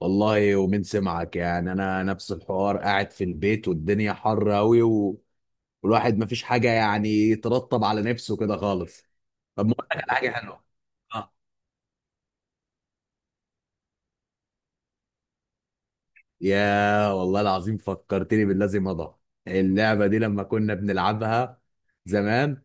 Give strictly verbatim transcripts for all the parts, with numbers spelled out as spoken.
والله ومين سمعك؟ يعني انا نفس الحوار، قاعد في البيت والدنيا حر قوي و... والواحد مفيش حاجه يعني يترطب على نفسه كده خالص. طب ما اقول لك على حاجه حلوه. اه. يا والله العظيم فكرتني باللازم مضى، اللعبه دي لما كنا بنلعبها زمان.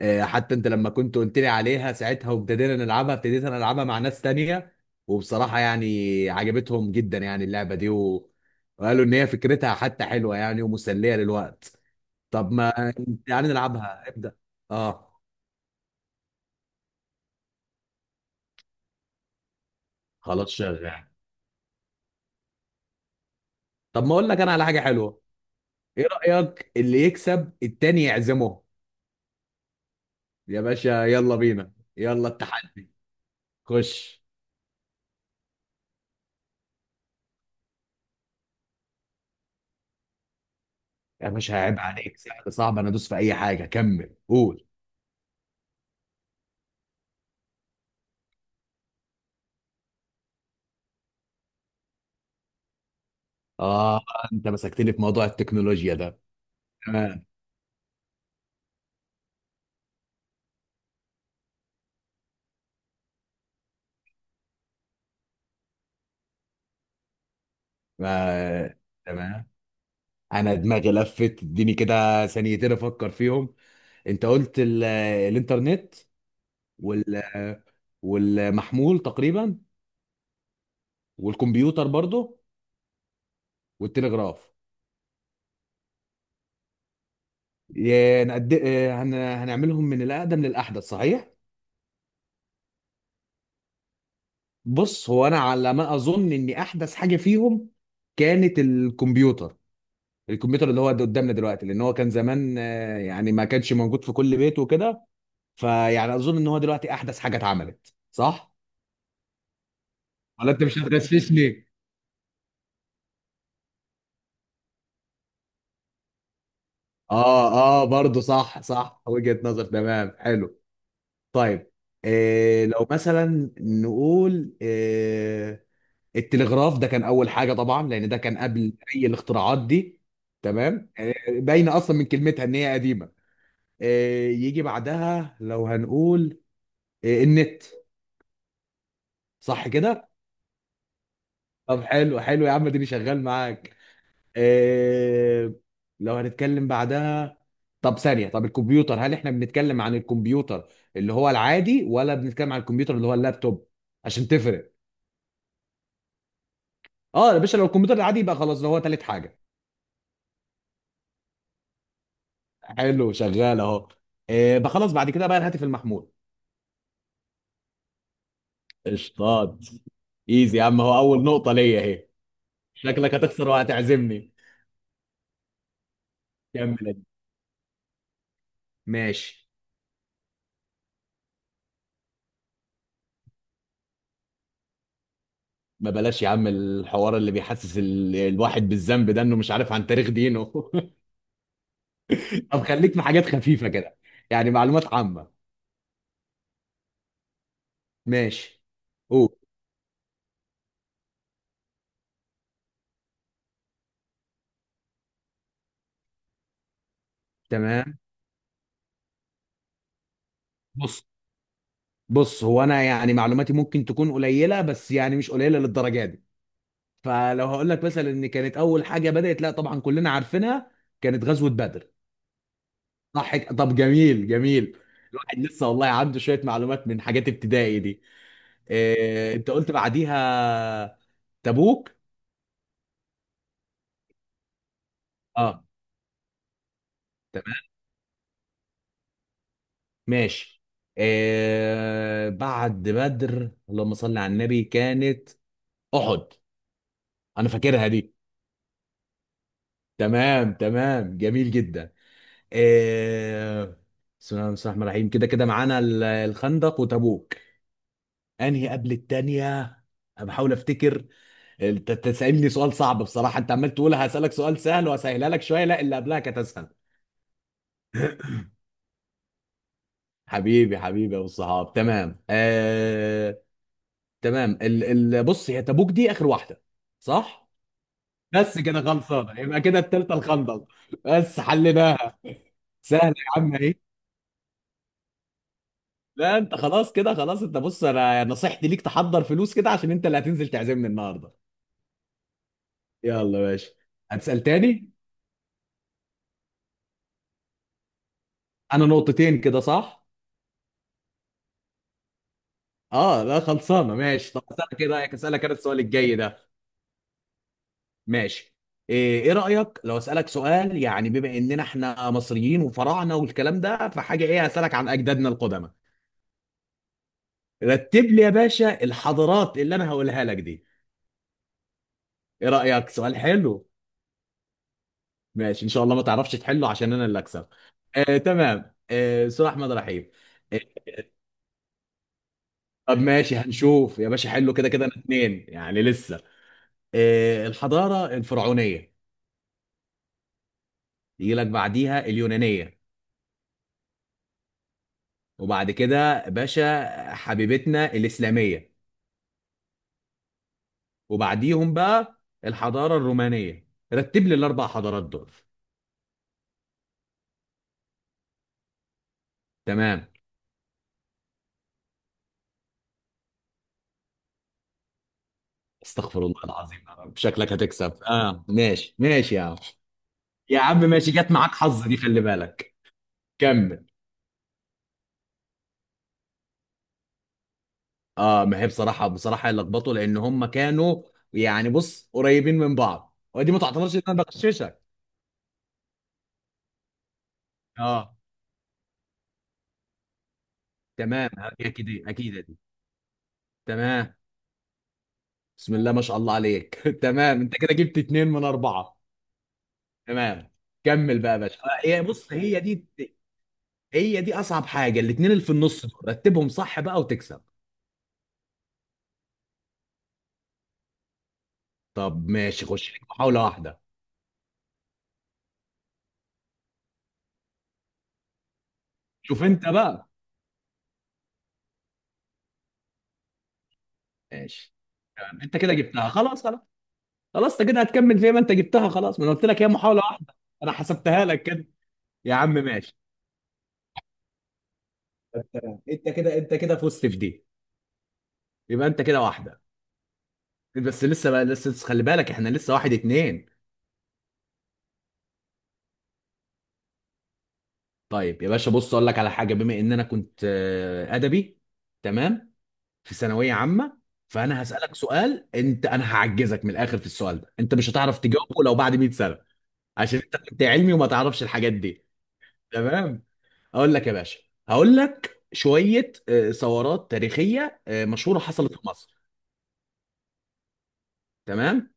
آه، حتى انت لما كنت قلت لي عليها ساعتها وابتدينا نلعبها، ابتديت انا العبها مع ناس تانية وبصراحة يعني عجبتهم جدا يعني اللعبة دي و... وقالوا ان هي فكرتها حتى حلوة يعني ومسلية للوقت. طب ما يعني نلعبها، ابدأ. اه، خلاص شغال. طب ما اقول لك انا على حاجة حلوة، ايه رأيك؟ اللي يكسب التاني يعزمه. يا باشا يلا بينا، يلا التحدي. خش. يا باشا عيب عليك، سهل صعب انا ادوس في اي حاجة، كمل قول. اه، انت مسكتني في موضوع التكنولوجيا ده. تمام. ما تمام، انا دماغي لفت، اديني كده ثانيتين افكر فيهم. انت قلت ال... الانترنت وال... والمحمول تقريبا والكمبيوتر برضه والتلغراف. يا نقد... آه، هن... هنعملهم من الاقدم للاحدث، صحيح؟ بص، هو انا على ما اظن ان احدث حاجه فيهم كانت الكمبيوتر. الكمبيوتر اللي هو ده قدامنا دلوقتي، لان هو كان زمان آه، يعني ما كانش موجود في كل بيت وكده. فيعني اظن ان هو دلوقتي احدث حاجه اتعملت، صح؟ ولا انت مش هتغششني. اه. اه برضه، صح صح، وجهة نظر، تمام حلو. طيب، إيه لو مثلا نقول إيه، التلغراف ده كان اول حاجه طبعا، لان ده كان قبل اي الاختراعات دي. تمام، إيه باينه اصلا من كلمتها ان هي قديمه. إيه يجي بعدها؟ لو هنقول إيه، النت. صح كده. طب حلو حلو يا عم، اديني شغال معاك. إيه لو هنتكلم بعدها؟ طب ثانية، طب الكمبيوتر هل احنا بنتكلم عن الكمبيوتر اللي هو العادي ولا بنتكلم عن الكمبيوتر اللي هو اللابتوب؟ عشان تفرق. اه يا باشا، لو الكمبيوتر العادي يبقى خلاص ده هو تالت حاجة. حلو شغال اهو. إيه بخلص بعد كده بقى؟ الهاتف المحمول. قشطات، ايزي يا عم، هو اول نقطة ليا اهي. شكلك هتخسر وهتعزمني. كمل. ماشي. ما بلاش يا عم الحوار اللي بيحسس ال- الواحد بالذنب ده، انه مش عارف عن تاريخ دينه. طب خليك في حاجات خفيفة كده، يعني معلومات عامة. ماشي. اوه، تمام. بص، بص هو انا يعني معلوماتي ممكن تكون قليلة، بس يعني مش قليلة للدرجة دي. فلو هقول لك مثلا ان كانت اول حاجة بدأت، لا طبعا كلنا عارفينها كانت غزوة بدر. صح ك- طب، جميل جميل. الواحد لسه والله عنده شوية معلومات من حاجات ابتدائي دي. إيه، انت قلت بعديها تبوك. اه ماشي. آه بعد بدر، اللهم صل على النبي، كانت احد، انا فاكرها دي. تمام تمام جميل جدا. آه بسم الله الرحمن الرحيم، كده كده معانا ال- الخندق وتبوك، انهي قبل التانية؟ انا بحاول افتكر. آه، انت تسألني سؤال صعب بصراحة، انت عمال تقول هسألك سؤال سهل وهسهلها لك شوية، لا اللي قبلها كانت اسهل. حبيبي حبيبي يا الصحاب، تمام آه، تمام ال ال بص، هي تبوك دي اخر واحدة، صح؟ بس كده خلصانه، يبقى كده التالتة الخندق. بس حلناها. سهله يا عم اهي. لا انت خلاص كده، خلاص انت بص، انا نصيحتي ليك تحضر فلوس كده، عشان انت اللي هتنزل تعزمني النهارده. يلا يا باشا. هتسال تاني. انا نقطتين كده، صح؟ اه لا خلصانه، ماشي. طب اسالك، ايه رايك اسالك انا السؤال الجاي ده؟ ماشي. ايه، إيه رايك لو اسالك سؤال يعني بما اننا احنا مصريين وفراعنه والكلام ده، فحاجه، ايه، هسالك عن اجدادنا القدماء. رتب لي يا باشا الحضارات اللي انا هقولها لك دي. ايه رأيك؟ سؤال حلو. ماشي، ان شاء الله ما تعرفش تحله عشان انا اللي اكسب. آه تمام، آه سؤال احمد رحيم. آه. طب ماشي هنشوف يا باشا، حلو، كده كده انا اتنين يعني لسه. آه، الحضارة الفرعونية، يجي لك بعديها اليونانية، وبعد كده باشا حبيبتنا الإسلامية، وبعديهم بقى الحضارة الرومانية. رتب لي الاربع حضارات دول. تمام. استغفر الله العظيم يا رب، شكلك هتكسب، اه ماشي ماشي يا عم. يا عم ماشي، جت معاك حظ دي، خلي بالك. كمل. اه، ما هي بصراحه بصراحه لخبطوا لان هم كانوا يعني بص قريبين من بعض، ودي ما تعتبرش ان انا بغششك. اه تمام. اكيد اكيد دي. تمام. بسم الله ما شاء الله عليك. تمام، انت كده جبت اتنين من اربعه. تمام، كمل بقى يا باشا. آه، هي بص هي دي، هي دي اصعب حاجه، الاتنين اللي في النص دول رتبهم صح بقى وتكسب. طب ماشي، خش لك محاوله واحده. شوف انت بقى. ماشي. تمام انت كده جبتها، خلاص خلاص. خلاص انت كده هتكمل فيها، ما انت جبتها خلاص، ما انا قلت لك هي محاولة واحدة. انا حسبتها لك كده. يا عم ماشي. انت كده، انت كده فزت في دي، يبقى انت كده واحدة. بس لسه بقى، لسه لسه خلي بالك، احنا لسه واحد اتنين. طيب يا باشا، بص اقول لك على حاجة، بما ان انا كنت آه، ادبي. تمام. في ثانوية عامة. فانا هسألك سؤال، انت انا هعجزك من الاخر في السؤال ده، انت مش هتعرف تجاوبه لو بعد مية سنة. عشان انت كنت علمي وما تعرفش الحاجات دي. تمام. اقول لك يا باشا، هقول لك شويه آه، ثورات تاريخيه آه، مشهوره حصلت في مصر. تمام.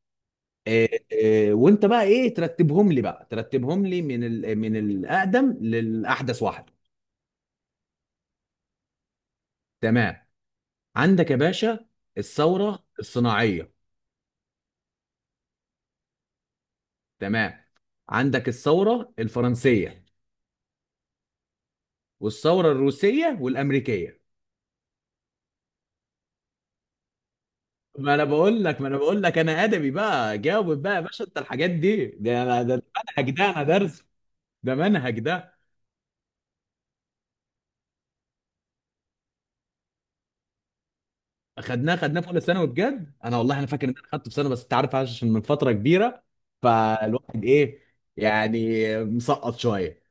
آه، آه، وانت بقى ايه، ترتبهم لي بقى، ترتبهم لي من ال... من الاقدم للاحدث واحده. تمام. عندك يا باشا الثوره الصناعيه. تمام، عندك الثوره الفرنسيه والثوره الروسيه والامريكيه. ما انا بقول لك ما انا بقول لك انا ادبي بقى، جاوب بقى يا باشا، انت الحاجات دي، ده ده ده منهج ده، انا درس، ده منهج ده. خدناه، خدناه في اولى ثانوي بجد، انا والله انا فاكر ان انا خدته في سنه، بس انت عارف عشان من فتره كبيره فالواحد ايه يعني مسقط شويه.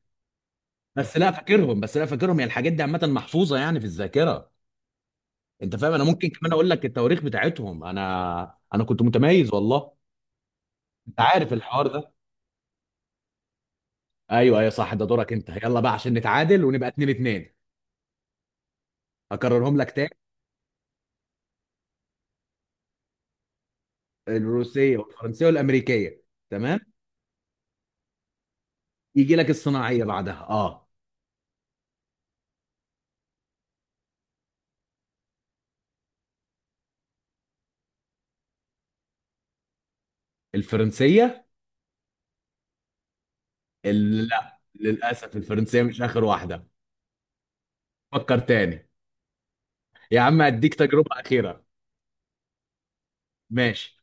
بس لا فاكرهم، بس لا فاكرهم، يعني الحاجات دي عامه محفوظه يعني في الذاكره، انت فاهم؟ انا ممكن كمان اقول لك التواريخ بتاعتهم، انا انا كنت متميز والله. انت عارف الحوار ده. ايوه ايوه صح، ده دورك انت، يلا بقى عشان نتعادل ونبقى اتنين اتنين. هكررهم لك تاني، الروسيه والفرنسيه والامريكيه. تمام. يجي لك الصناعيه بعدها، اه. الفرنسيه. ال- لا للأسف الفرنسية مش آخر واحدة، فكر تاني. يا عم أديك تجربة أخيرة. ماشي.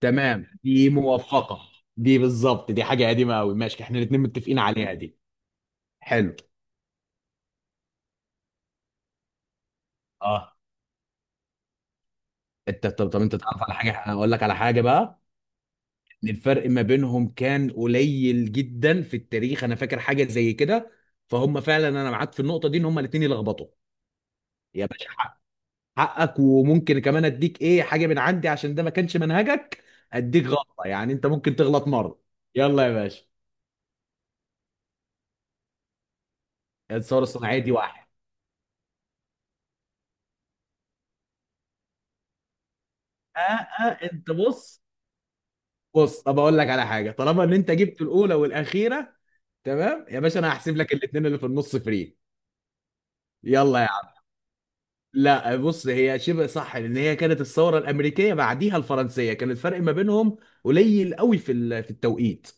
تمام دي موفقة. دي بالظبط، دي حاجة قديمة أوي، ماشي احنا الاتنين متفقين عليها دي. حلو. اه، انت طب, طب انت تعرف على حاجة، أنا أقول لك على حاجة بقى، إن الفرق ما بينهم كان قليل جدا في التاريخ، أنا فاكر حاجة زي كده، فهم فعلا أنا معاك في النقطة دي إن هم الاتنين يلخبطوا. يا باشا حقك، وممكن كمان اديك ايه، حاجه من عندي عشان ده ما كانش منهجك، اديك غلطه يعني، انت ممكن تغلط مره. يلا يا باشا. الثوره الصناعيه دي واحد. اه اه انت بص، بص طب اقول لك على حاجه، طالما ان انت جبت الاولى والاخيره، تمام يا باشا، انا هحسب لك الاثنين اللي في النص فري. يلا يا عم. لا بص، هي شبه صح لان هي كانت الثوره الامريكيه بعديها الفرنسيه، كان الفرق ما بينهم قليل قوي في ال- في التوقيت.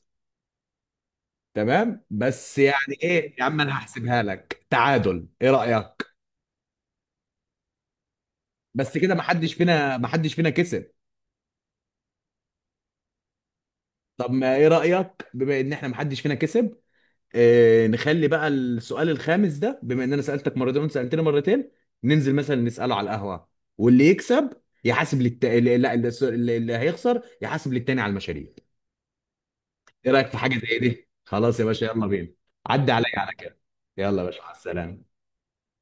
تمام، بس يعني ايه يا عم انا هحسبها لك تعادل، ايه رايك؟ بس كده ما حدش فينا ما حدش فينا كسب. طب ما ايه رأيك، بما ان احنا ما حدش فينا كسب، اه نخلي بقى السؤال الخامس ده، بما ان انا سألتك مرتين وانت سألتني مرتين، ننزل مثلا نسأله على القهوة، واللي يكسب يحاسب للت... لا لا، الس- اللي اللي هيخسر يحاسب للتاني على المشاريب. ايه رأيك في حاجة زي دي؟ خلاص يا باشا يلا بينا. عدي عليا على كده. يلا يا باشا، مع السلامة.